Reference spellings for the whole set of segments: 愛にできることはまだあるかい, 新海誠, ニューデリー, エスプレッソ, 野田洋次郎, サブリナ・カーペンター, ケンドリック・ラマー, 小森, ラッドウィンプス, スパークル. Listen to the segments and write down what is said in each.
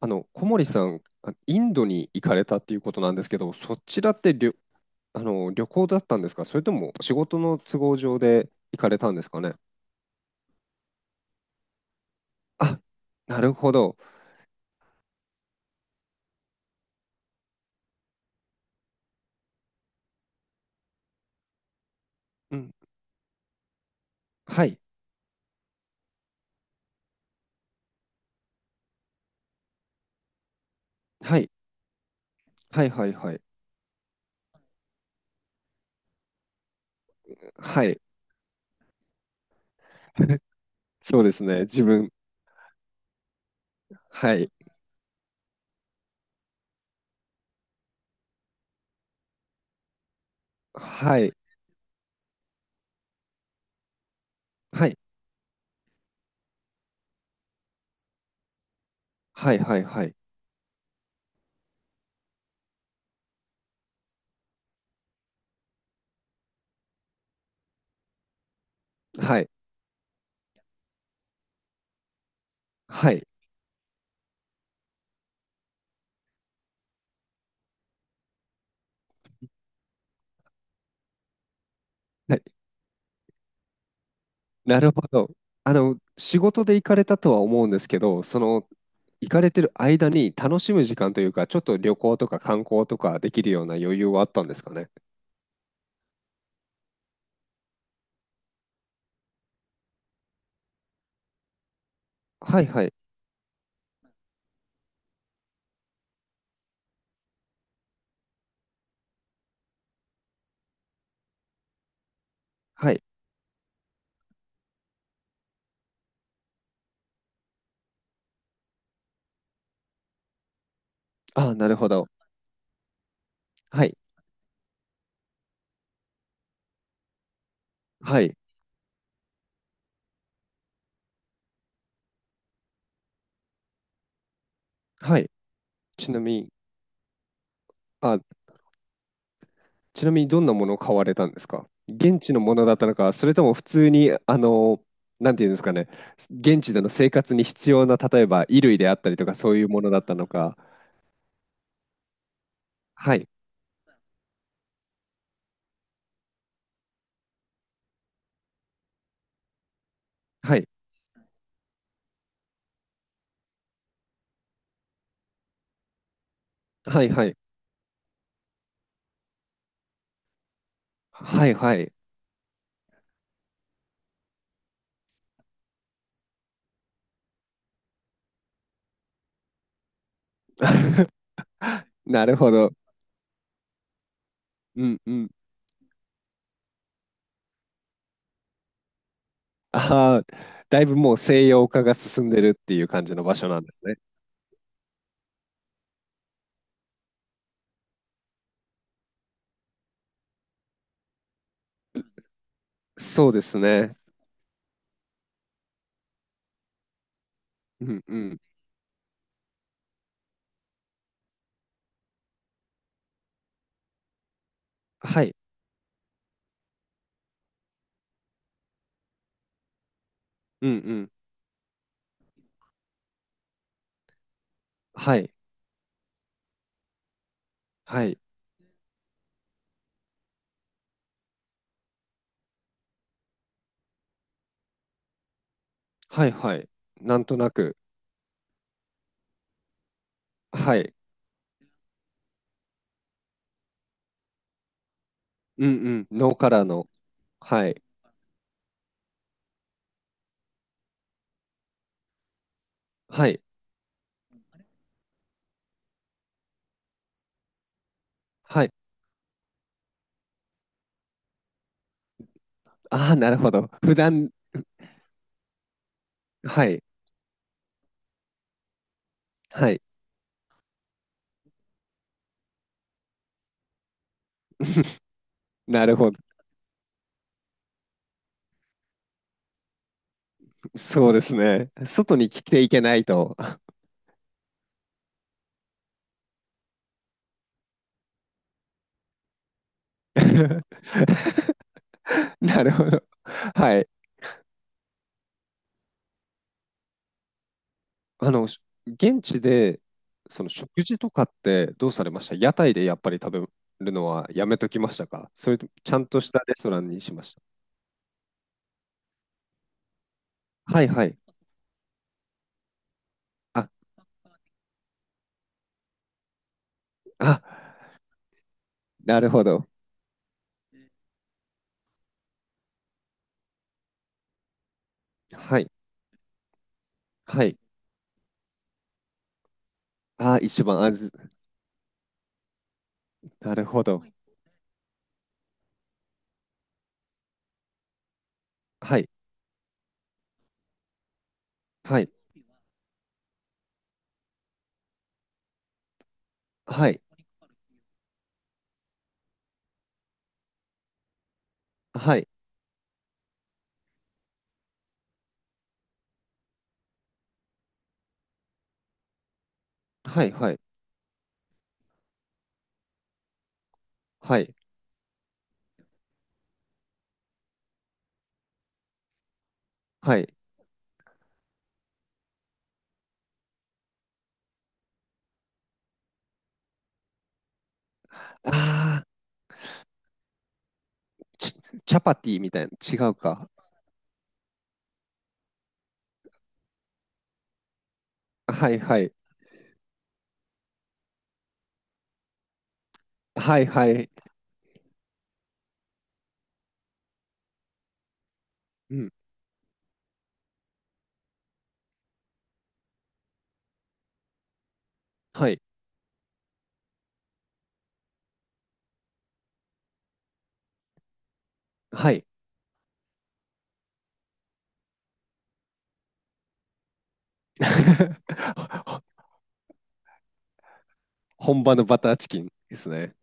小森さん、インドに行かれたっていうことなんですけど、そちらって旅あの、旅行だったんですか？それとも仕事の都合上で行かれたんですかね？あ、なるほど。うん。はい。はい。はいはいはい。はい。そうですね。自分。はい。はい。はい。はいはいはい。はい。はい。はい。なるほど。仕事で行かれたとは思うんですけど、その、行かれてる間に楽しむ時間というか、ちょっと旅行とか観光とかできるような余裕はあったんですかね？はいはい。はい。ああ、なるほど。はい。はい。はい。ちなみに、あ、ちなみにどんなものを買われたんですか？現地のものだったのか、それとも普通に、なんていうんですかね、現地での生活に必要な、例えば衣類であったりとか、そういうものだったのか。はい。はい。はいはい。はいはい。なるほど。うんうん。ああ、だいぶもう西洋化が進んでるっていう感じの場所なんですね。そうですね。うんうん。はい。うんうん。はい。はい。はいはい。なんとなく。はい。うんうん。ノーカラーの。はい。はい。はい。ああ、なるほど。普段。はい。はい。なるほど。そうですね。外に着ていけないと。なるほど。はい。あの、し現地で、その食事とかってどうされました？屋台でやっぱり食べるのはやめときましたか？それともちゃんとしたレストランにしました？はいはい。あ、あ、なるほど。はい、はい。あ、一番、あず、なるほど。はい、はい、はい、はい、はい、はい、はい、はい。あー、チチャパティみたいな、違うか。はいはい。はいはい。うん。はい。はい。本場のバターチキンですね。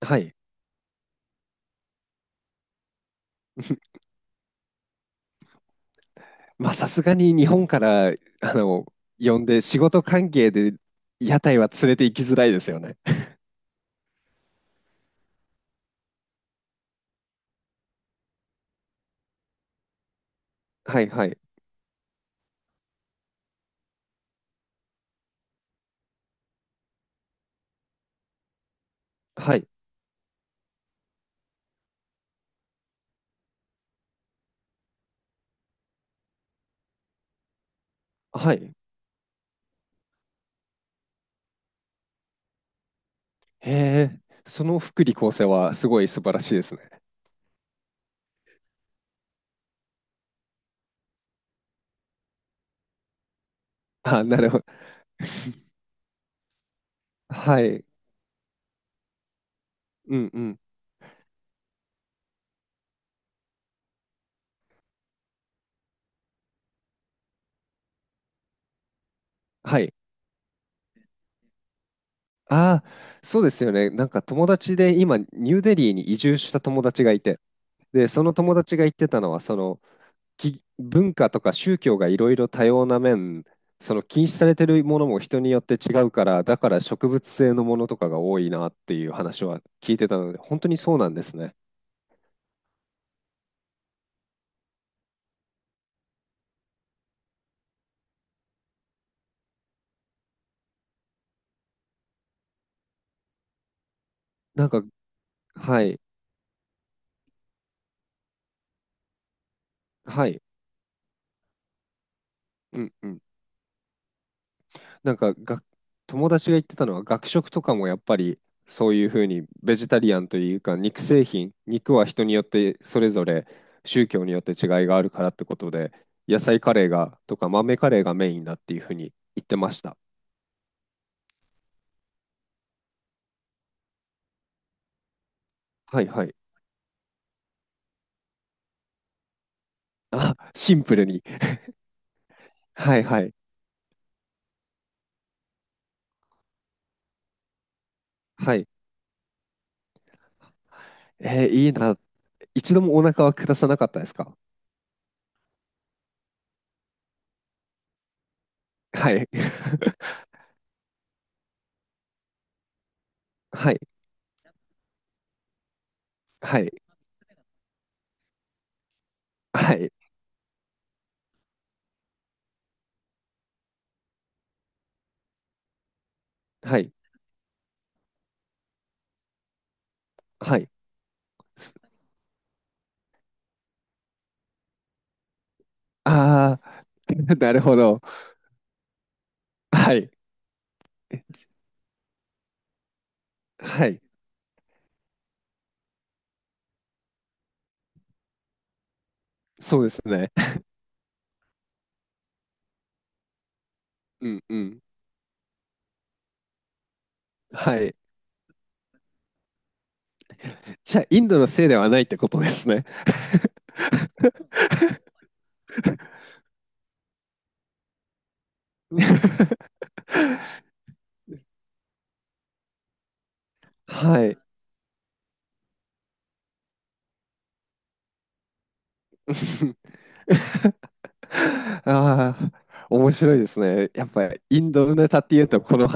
はい。まあ、さすがに日本から、あの、呼んで仕事関係で屋台は連れて行きづらいですよね。はいはい。はい。はい。へえ、その福利厚生はすごい素晴らしいですね。あ、なるほど。はい。うんうん。はい。ああ、そうですよね。なんか友達で今、ニューデリーに移住した友達がいて、で、その友達が言ってたのは、その、文化とか宗教がいろいろ多様な面、その禁止されてるものも人によって違うから、だから植物性のものとかが多いなっていう話は聞いてたので、本当にそうなんですね。なんか、はい、はい、うんうん。なんかが、友達が言ってたのは、学食とかもやっぱりそういうふうにベジタリアンというか、肉製品、肉は人によってそれぞれ宗教によって違いがあるからってことで、野菜カレーがとか豆カレーがメインだっていうふうに言ってました。はいはい。あ、シンプルに。はいはい。はい。えーいいな。一度もお腹は下さなかったですか？はい。はい。はい。はい。はい。はい。ああー、なるほど。はい。はい。そうですね。うんうん。はい。じゃあ、インドのせいではないってことですね。はい。ああ、面白いですね。やっぱインドネタっていうと、この